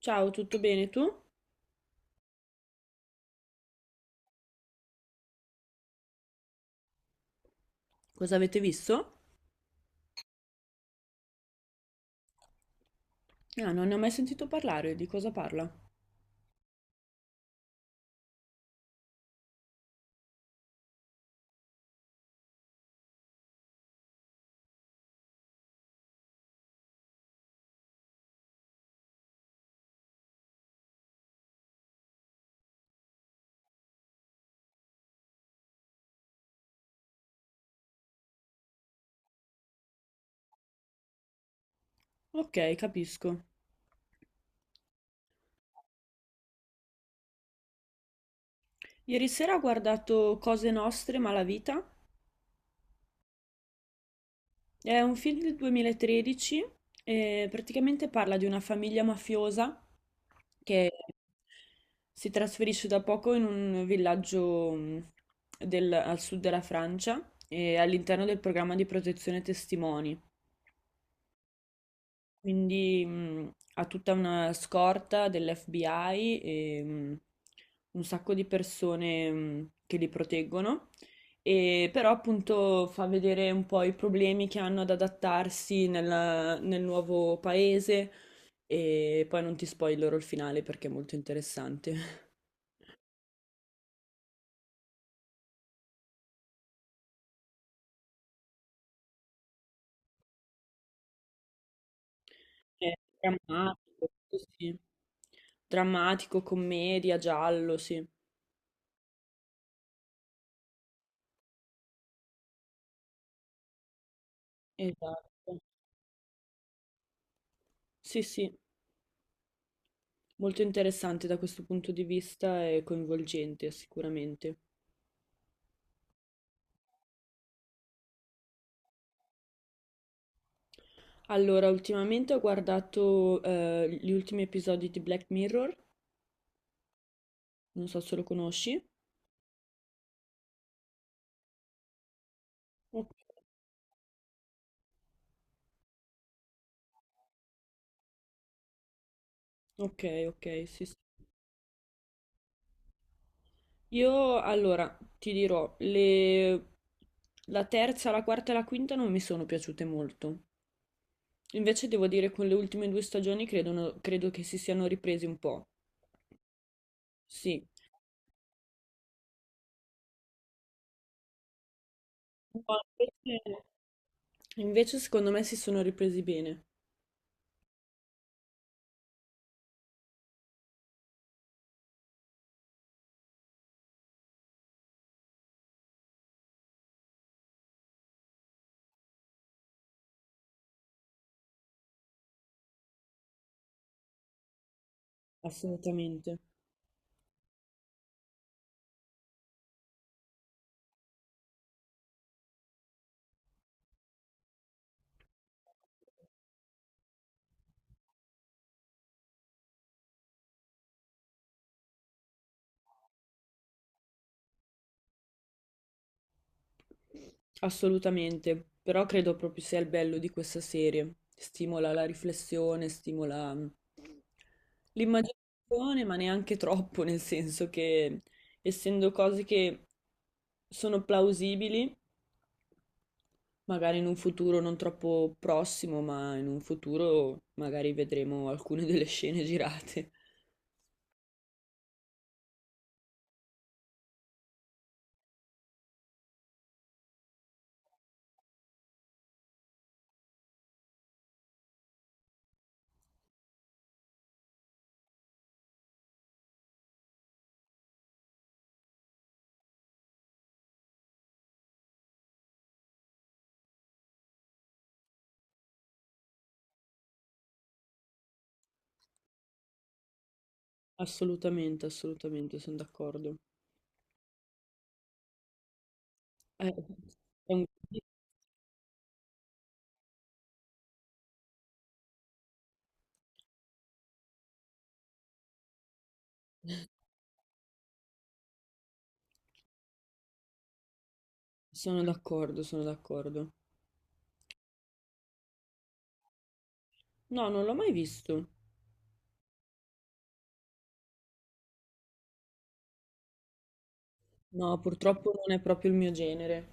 Ciao, tutto bene tu? Cosa avete visto? Ah, non ne ho mai sentito parlare, di cosa parla? Ok, capisco. Ieri sera ho guardato Cose Nostre, Malavita. È un film del 2013 e praticamente parla di una famiglia mafiosa che si trasferisce da poco in un villaggio, al sud della Francia e all'interno del programma di protezione testimoni. Quindi ha tutta una scorta dell'FBI e un sacco di persone che li proteggono, e però appunto fa vedere un po' i problemi che hanno ad adattarsi nel nuovo paese e poi non ti spoilerò il finale perché è molto interessante. È drammatico, sì. Drammatico, commedia, giallo, sì. Esatto. Sì, sì. Molto interessante da questo punto di vista e coinvolgente sicuramente. Allora, ultimamente ho guardato gli ultimi episodi di Black Mirror, non so se lo conosci. Ok, ok, ok, sì, sì. Io allora ti dirò, la terza, la quarta e la quinta non mi sono piaciute molto. Invece devo dire con le ultime due stagioni credo che si siano ripresi un po'. Sì. No, invece, invece secondo me si sono ripresi bene, assolutamente. Assolutamente, però credo proprio sia il bello di questa serie. Stimola la riflessione, stimola l'immaginazione, ma neanche troppo, nel senso che essendo cose che sono plausibili, magari in un futuro non troppo prossimo, ma in un futuro magari vedremo alcune delle scene girate. Assolutamente, assolutamente, sono d'accordo. Eh, è un... Sono d'accordo, sono d'accordo. No, non l'ho mai visto. No, purtroppo non è proprio il mio genere.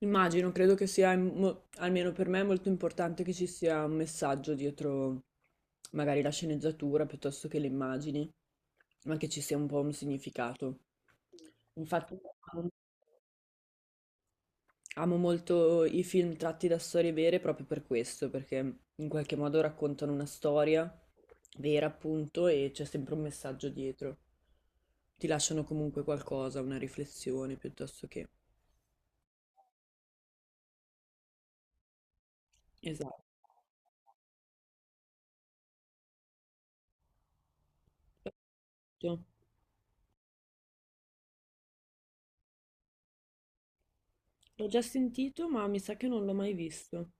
Immagino, credo che almeno per me, è molto importante che ci sia un messaggio dietro magari la sceneggiatura piuttosto che le immagini, ma che ci sia un po' un significato. Infatti, amo molto i film tratti da storie vere proprio per questo, perché in qualche modo raccontano una storia vera, appunto, e c'è sempre un messaggio dietro. Ti lasciano comunque qualcosa, una riflessione piuttosto che... Esatto. L'ho già sentito, ma mi sa che non l'ho mai visto.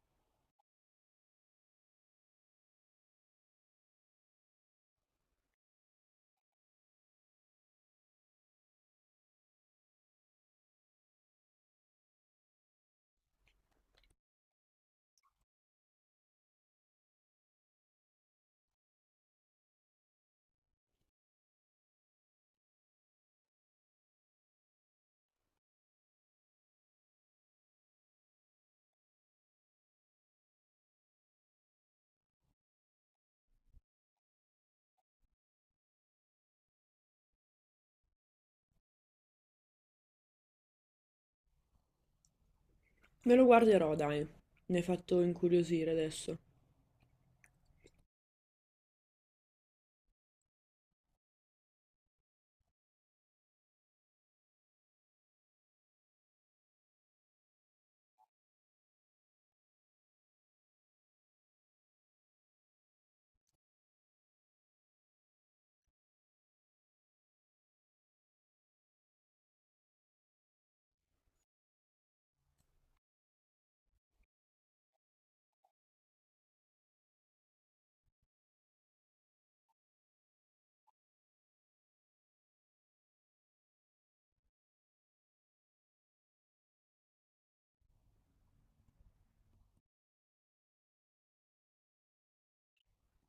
Me lo guarderò, dai. Mi hai fatto incuriosire adesso.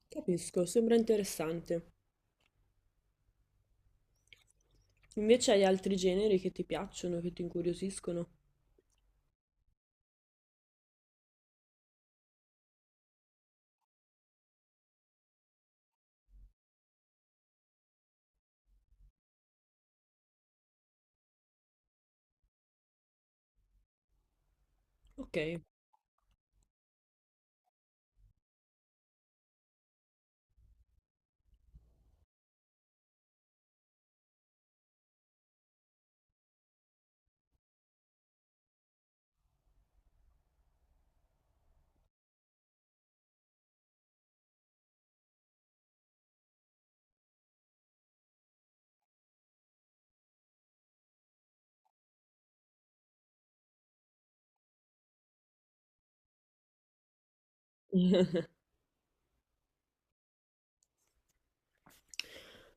Capisco, sembra interessante. Invece hai altri generi che ti piacciono, che ti incuriosiscono? Ok.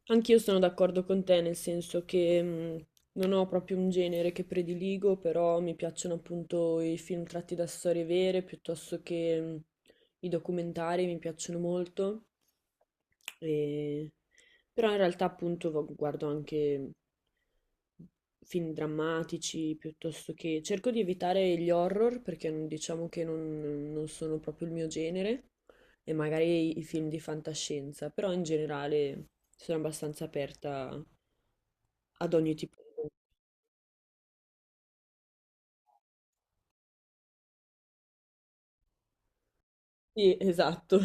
Anch'io sono d'accordo con te, nel senso che non ho proprio un genere che prediligo, però mi piacciono appunto i film tratti da storie vere, piuttosto che i documentari, mi piacciono molto. E- Però in realtà appunto guardo anche mhmm, film drammatici, piuttosto che... Cerco di evitare gli horror, perché diciamo che non sono proprio il mio genere e magari i film di fantascienza, però in generale sono abbastanza aperta ad ogni tipo di... Sì, esatto.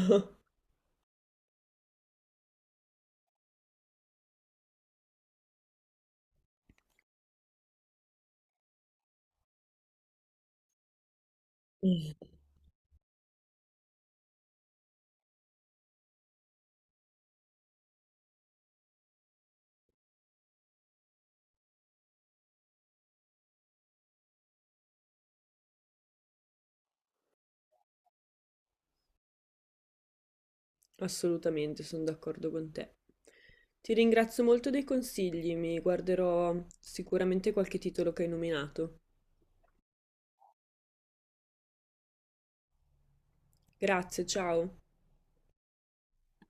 Assolutamente, sono d'accordo con te. Ti ringrazio molto dei consigli, mi guarderò sicuramente qualche titolo che hai nominato. Grazie, ciao.